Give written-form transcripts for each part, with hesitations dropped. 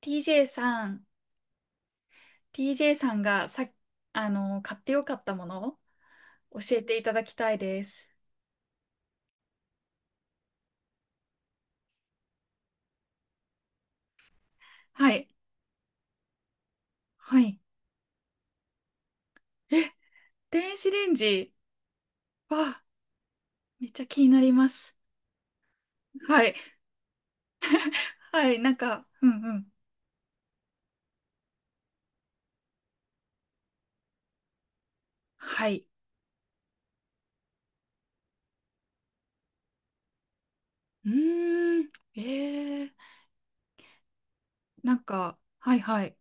TJ さん、TJ さんがさ、買ってよかったものを教えていただきたいです。はい。はい。え、電子レンジ。わ、めっちゃ気になります。はい。はい。なんか、うんうん。はい。うーん。えー、なんか、はいはい。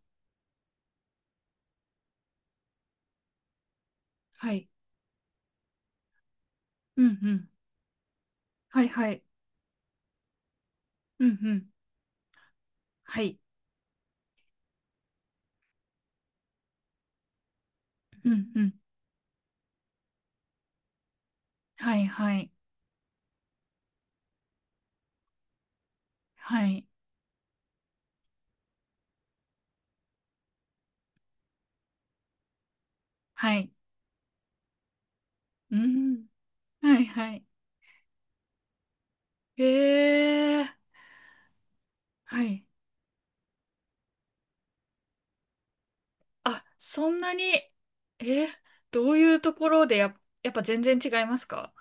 はい。うんうん。はいはい。うんうん。はい。うんうん。はいはい。はい。はい。うん。はいはい。えー。はい。あ、そんなに、え、どういうところでや、やっぱ全然違いますか？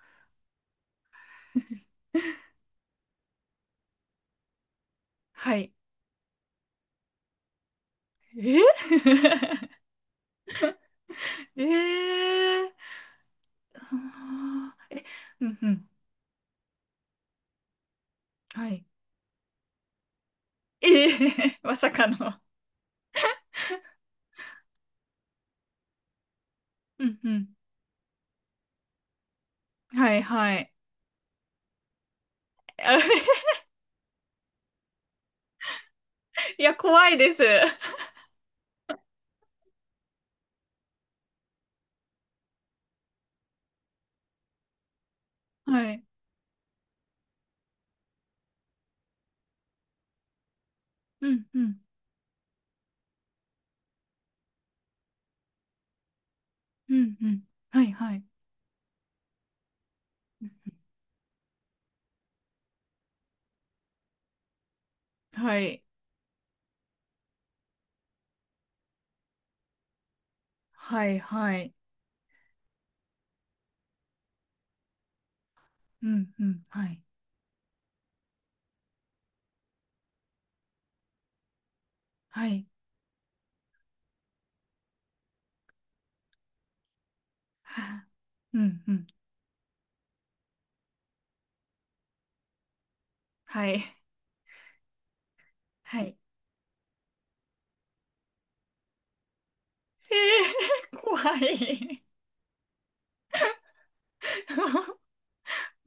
はい。え えー、あーえ、うんうん。はい。ええ まさかの。うんうん。はいはい。あ いや、怖いです。はい。うんうん。うんうん。はいはい。はい。はいはい。うんうん。はい。はい。はあうんうん。はい。はい。えー、怖い。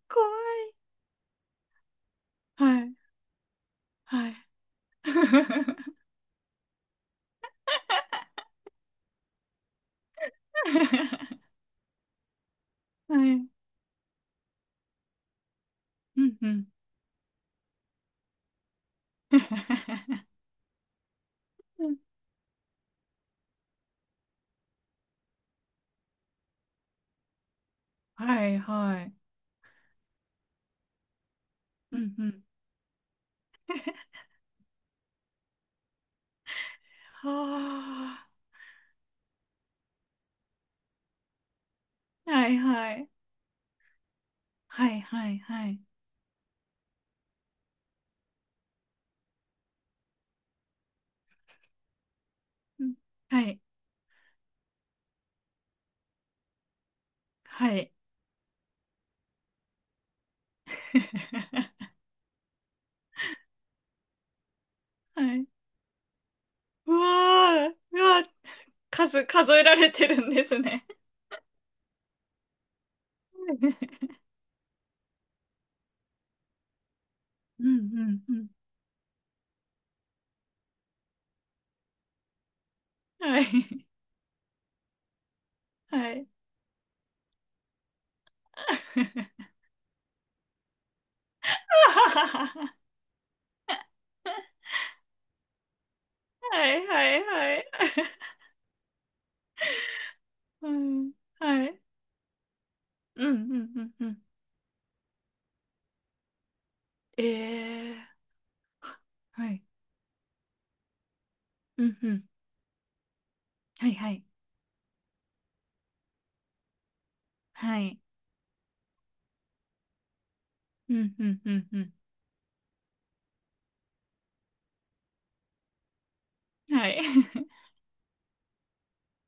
怖い。はい。はい。はい。うんうん。うんはいはい。うんうん。はあ。はいはい。はいはいはい。うん。はい。はい。はい。うわー、うわー、数えられてるんですね。うんうんうん。はい。はい。はいはいはい。はい。はい。うん、うん、うん、うん。ええははい。うん、うん。はい、はい。はい。うん、うん、うん、うん。はい。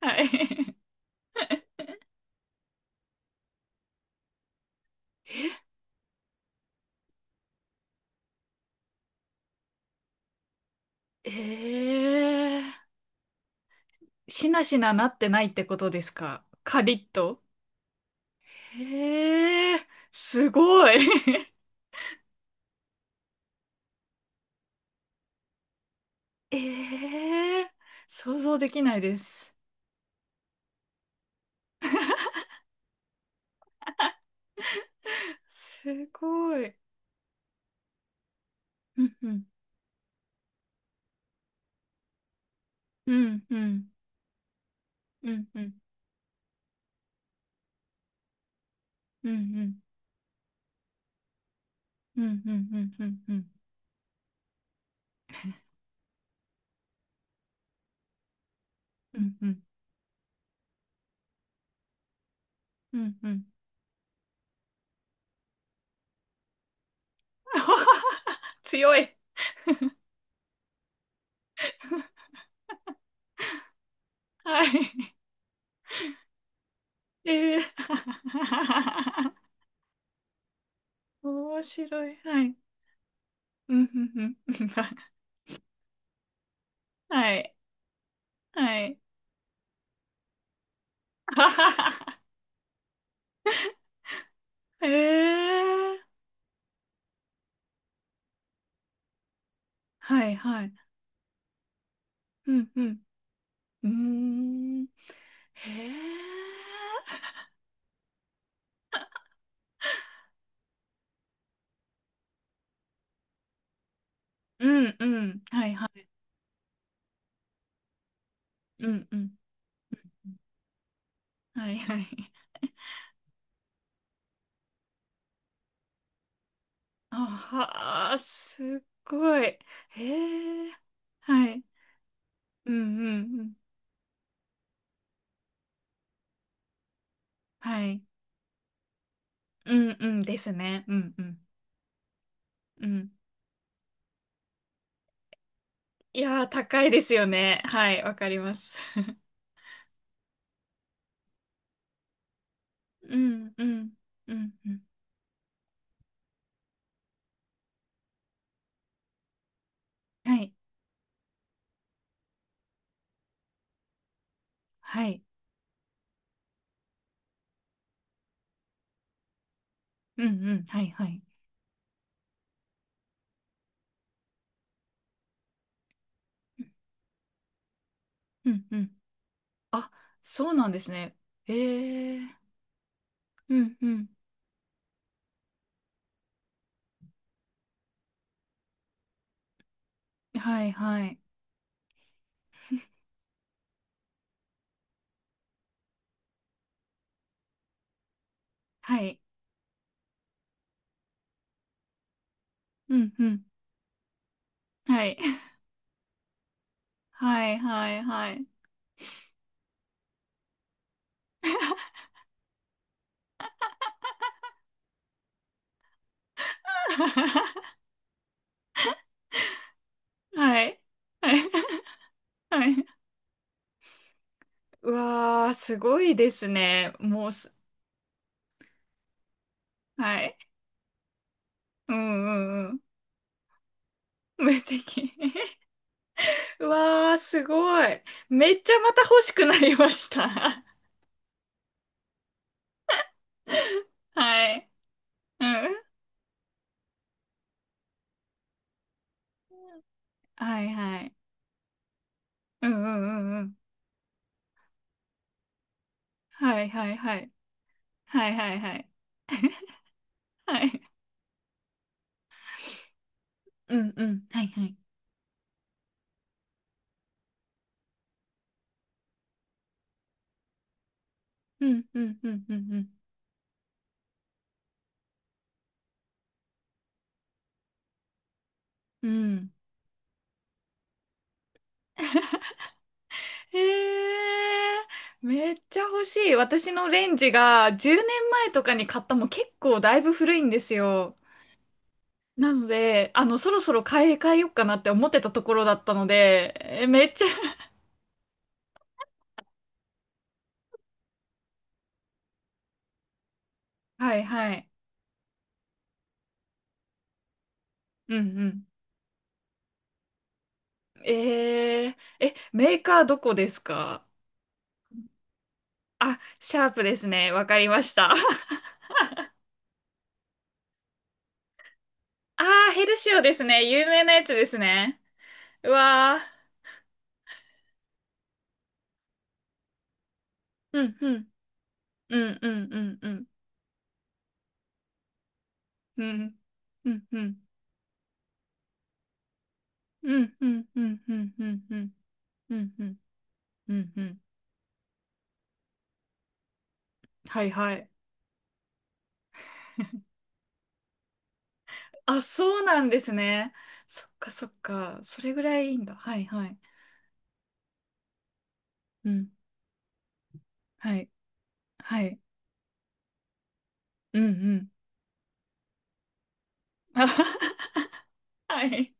はい。ええ、しなしななってないってことですか？カリッと。ええ、すごい。ええ、想像できないです。すごい。うんうん。うんうん。うんうん。うんうん。うんうん。うんうん。うんうん。うんうん。うんうん。強い。はい。えー、面白い。はい。うんうんうん はい。はい。ええー、はいはい。うんうん。うーん。へえ。うんうん。はいはい。うんうん。はいはい。あはあ、すっごい。へえ。はい。うんうんうん。はい。うんうんですね。うんうん。うん、いやー、高いですよね。はい、わかります。うん、うん、うん、うん。はい、はい。うん、うん、はい、はい。うん、うん。あ、そうなんですね。ええー。うん、うん。はい、はい。はい。うん、うん。はい。はい、はい、はい。はい。はい。はい。うわー、すごいですね。もうす、はい。うん、うん、うん。無敵。うわー、すごい。めっちゃまた欲しくなりました。はい。うん。はいはい。うんうんうんうん。はいはいはい。はいはいはい。はい。うんうん。はいはい。うんうんうんうんうん。うん。へえ、めっちゃ欲しい。私のレンジが10年前とかに買った、もう結構だいぶ古いんですよ。なので、そろそろ買い替えようかなって思ってたところだったので、えめっちゃ、はいはい。うんうんええ、メーカーどこですかあ？シャープですね。わかりました。あー、ヘルシオですね。有名なやつですね。うわー。うん、うん、うん、うん、うん、うん、うん、うん、うん、うん、うん、うん、うん、うん、うん、うん、うん、うん、うん。はい、はい。あ、そうなんですね。そっか、そっか。それぐらいいいんだ。はい、はい。うん、はい、はい。うん、うん。はい、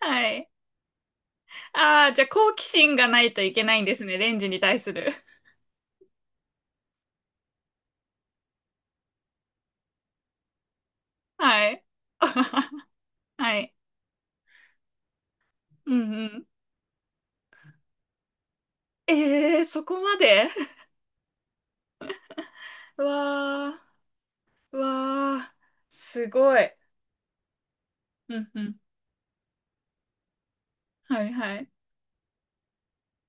はい。ああ、じゃあ好奇心がないといけないんですね、レンジに対する。はい。はい。うんうん。えー、そこまで？ わー、わー、すごい。うんうん。はいはい。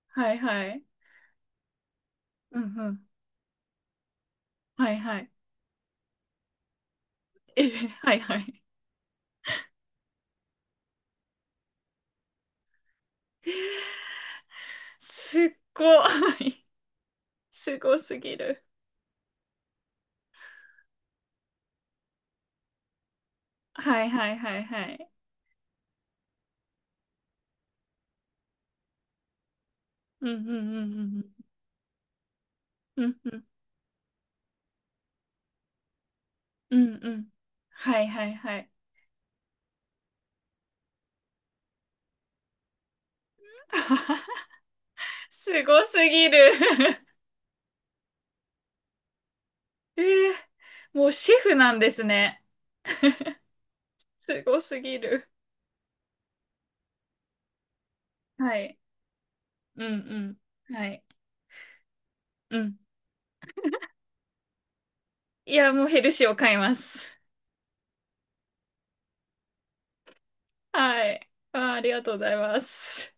はいはい。うんうん。はいはい。えー、はいはい。すっごい。すごすぎる。はいはいはいはい。うんうんうんうんうん。うんうん。うんうん。はいはいはい。すごすぎる。えー、もうシェフなんですね。すごすぎる。はい。うんうんはい。うん。いや、もうヘルシーを買います。はい。あー、ありがとうございます。